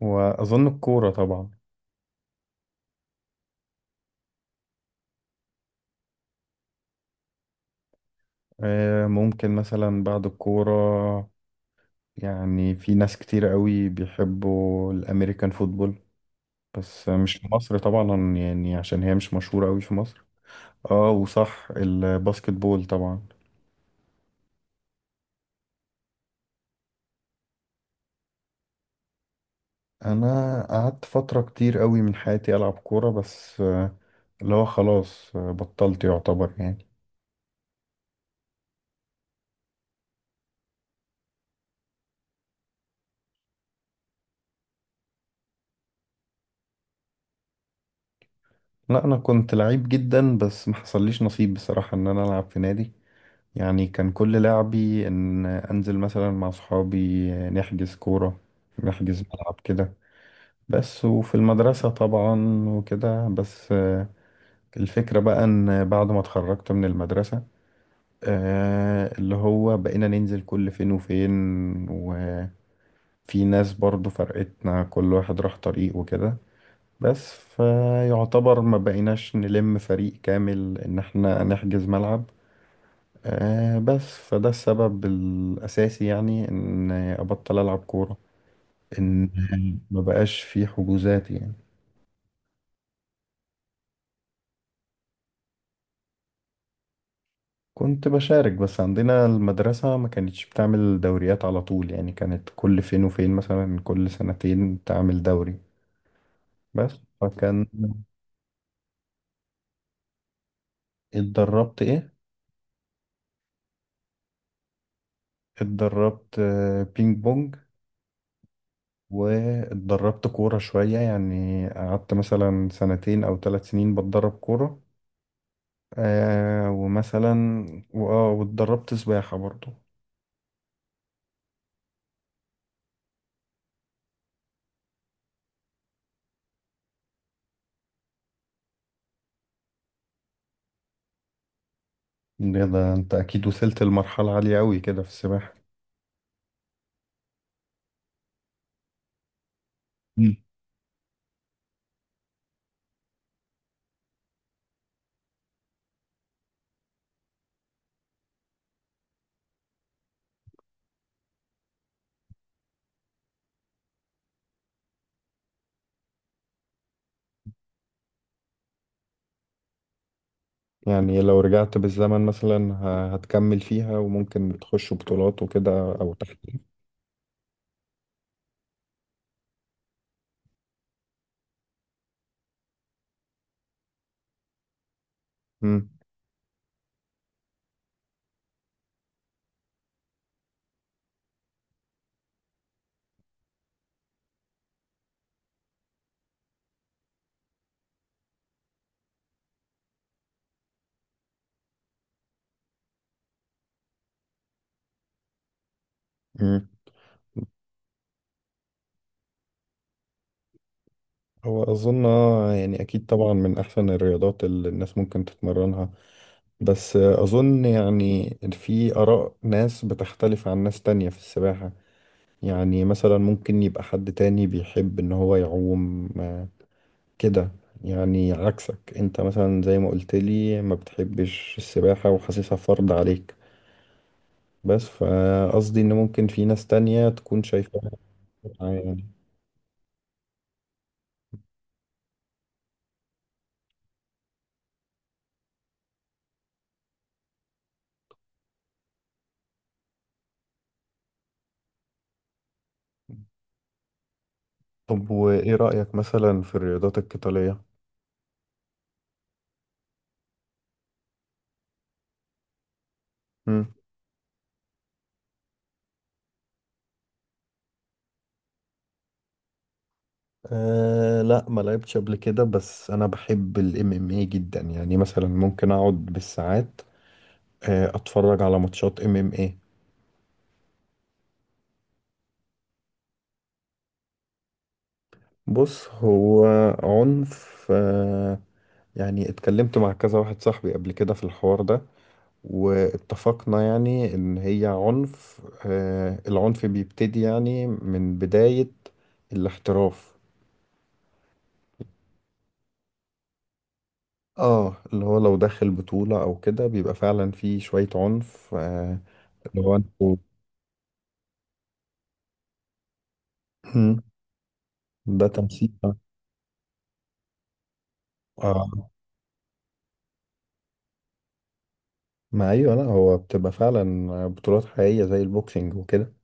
وأظن الكورة طبعا، ممكن مثلا بعد الكورة، يعني في ناس كتير قوي بيحبوا الأمريكان فوتبول، بس مش في مصر طبعا يعني عشان هي مش مشهورة قوي في مصر. اه وصح الباسكت بول طبعا. أنا قعدت فترة كتير قوي من حياتي ألعب كورة، بس اللي هو خلاص بطلت يعتبر يعني. لا أنا كنت لعيب جدا، بس ما حصليش نصيب بصراحة إن أنا ألعب في نادي، يعني كان كل لعبي ان انزل مثلا مع صحابي نحجز كورة، نحجز ملعب كده بس، وفي المدرسة طبعا وكده بس. الفكرة بقى ان بعد ما اتخرجت من المدرسة اللي هو بقينا ننزل كل فين وفين، وفي ناس برضو فرقتنا كل واحد راح طريق وكده، بس فيعتبر ما بقيناش نلم فريق كامل ان احنا نحجز ملعب. بس فده السبب الأساسي، يعني إن أبطل ألعب كورة، إن ما بقاش في حجوزات يعني. كنت بشارك، بس عندنا المدرسة ما كانتش بتعمل دوريات على طول، يعني كانت كل فين وفين مثلا كل سنتين تعمل دوري بس. فكان... اتدربت إيه؟ اتدربت بينج بونج، واتدربت كورة شوية، يعني قعدت مثلا سنتين أو 3 سنين بتدرب كورة. آه ومثلا، واتدربت سباحة برضو. ده انت اكيد وصلت لمرحلة عالية قوي كده في السباحة. مم. يعني لو رجعت بالزمن مثلا، هتكمل فيها وممكن تخش بطولات وكده او تحت؟ مم. مم. هو اظن يعني اكيد طبعا من احسن الرياضات اللي الناس ممكن تتمرنها، بس اظن يعني في اراء ناس بتختلف عن ناس تانية في السباحة. يعني مثلا ممكن يبقى حد تاني بيحب ان هو يعوم كده، يعني عكسك انت مثلا زي ما قلت لي ما بتحبش السباحة وحاسسها فرض عليك، بس فقصدي ان ممكن في ناس تانية تكون شايفاها متعة يعني. طب وايه رأيك مثلا في الرياضات القتالية؟ مم. آه لا، ما لعبتش قبل كده، بس انا بحب الام ام اي جدا، يعني مثلا ممكن اقعد بالساعات آه اتفرج على ماتشات ام ام اي. بص هو عنف يعني، اتكلمت مع كذا واحد صاحبي قبل كده في الحوار ده، واتفقنا يعني ان هي عنف، العنف بيبتدي يعني من بداية الاحتراف. اه اللي هو لو داخل بطولة او كده بيبقى فعلا في شوية عنف اللي هو انتوا... مم. ده تمثيل. اه ما ايوه، لا هو بتبقى فعلا بطولات حقيقية زي البوكسينج وكده.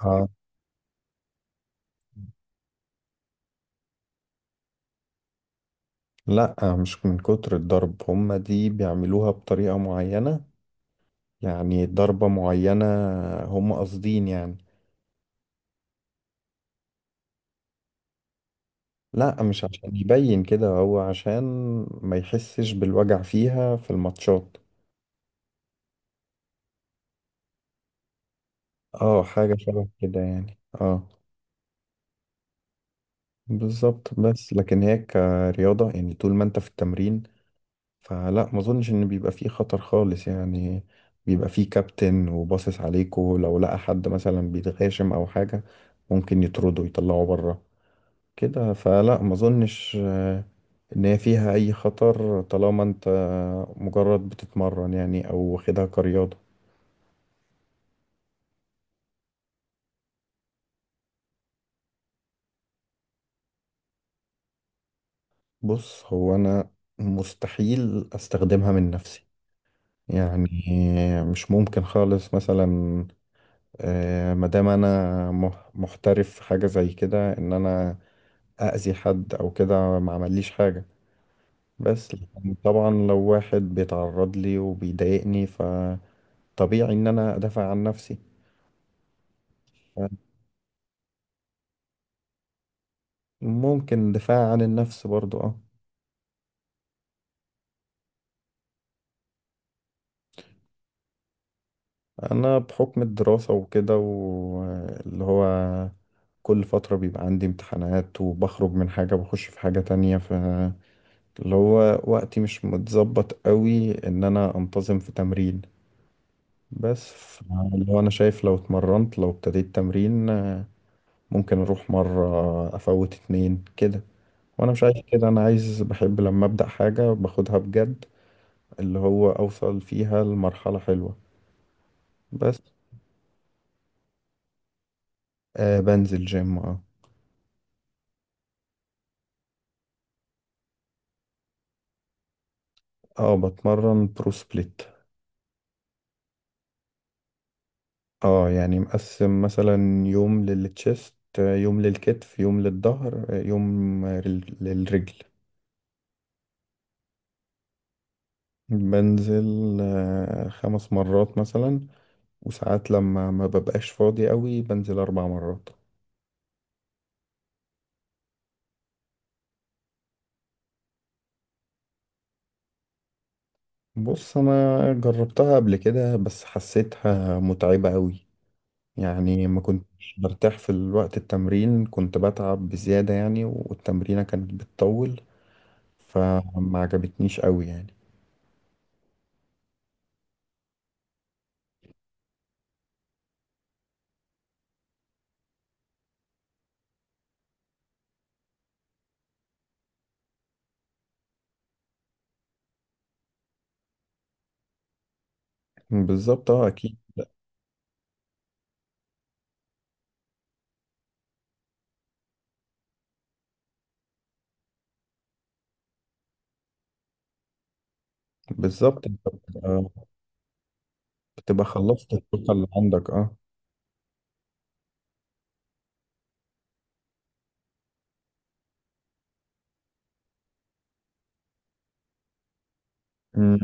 آه لا مش من كتر الضرب، هما دي بيعملوها بطريقة معينة، يعني ضربة معينة هم قاصدين يعني. لا مش عشان يبين كده، هو عشان ما يحسش بالوجع فيها في الماتشات. اه حاجة شبه كده يعني، اه. بالظبط، بس لكن هي كرياضة، يعني طول ما انت في التمرين فلا ما اظنش ان بيبقى فيه خطر خالص يعني، بيبقى فيه كابتن وباصص عليكوا، لو لقى حد مثلا بيتغاشم او حاجة ممكن يطردوا يطلعوا بره كده، فلا ما اظنش ان هي فيها اي خطر طالما انت مجرد بتتمرن يعني او واخدها كرياضة. بص هو انا مستحيل استخدمها من نفسي، يعني مش ممكن خالص مثلا، مادام انا محترف في حاجة زي كده ان انا اذي حد او كده ما عمليش حاجة، بس لكن طبعا لو واحد بيتعرض لي وبيضايقني فطبيعي ان انا ادافع عن نفسي. ممكن دفاع عن النفس برضو، اه. انا بحكم الدراسة وكده واللي هو كل فترة بيبقى عندي امتحانات وبخرج من حاجة بخش في حاجة تانية، ف اللي هو وقتي مش متظبط قوي ان انا انتظم في تمرين، بس اللي هو انا شايف لو اتمرنت لو ابتديت تمرين ممكن اروح مرة افوت اتنين كده، وانا مش عايز كده، انا عايز بحب لما ابدأ حاجة باخدها بجد، اللي هو اوصل فيها لمرحلة حلوة بس. آه بنزل جيم، اه. اه بتمرن برو سبليت. اه يعني مقسم مثلا يوم للتشيست، يوم للكتف، يوم للظهر، يوم، للرجل. بنزل آه 5 مرات مثلا، وساعات لما ما ببقاش فاضي قوي بنزل 4 مرات. بص انا جربتها قبل كده بس حسيتها متعبة قوي، يعني ما كنتش برتاح في الوقت التمرين، كنت بتعب بزيادة يعني، والتمرينة كانت بتطول، فما عجبتنيش قوي يعني. بالظبط اه اكيد. بالظبط، انت بتبقى خلصت الطاقة اللي عندك، اه. أمم،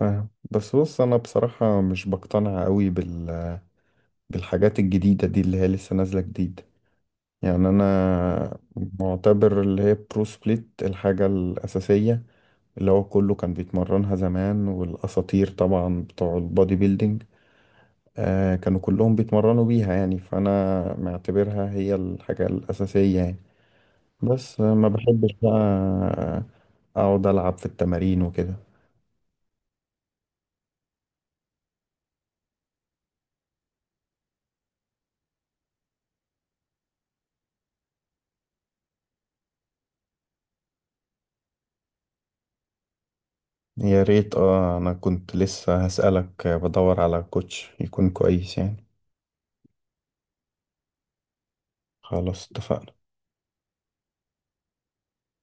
فاهم. بس بص انا بصراحة مش بقتنع قوي بالحاجات الجديدة دي اللي هي لسه نازلة جديد. يعني انا معتبر اللي هي برو سبليت الحاجة الأساسية، اللي هو كله كان بيتمرنها زمان، والأساطير طبعا بتوع البودي بيلدينج كانوا كلهم بيتمرنوا بيها، يعني فأنا معتبرها هي الحاجة الأساسية يعني، بس ما بحبش بقى اقعد العب في التمارين وكده. يا ريت اه، انا كنت لسه هسألك بدور على كوتش يكون كويس يعني. خلاص اتفقنا.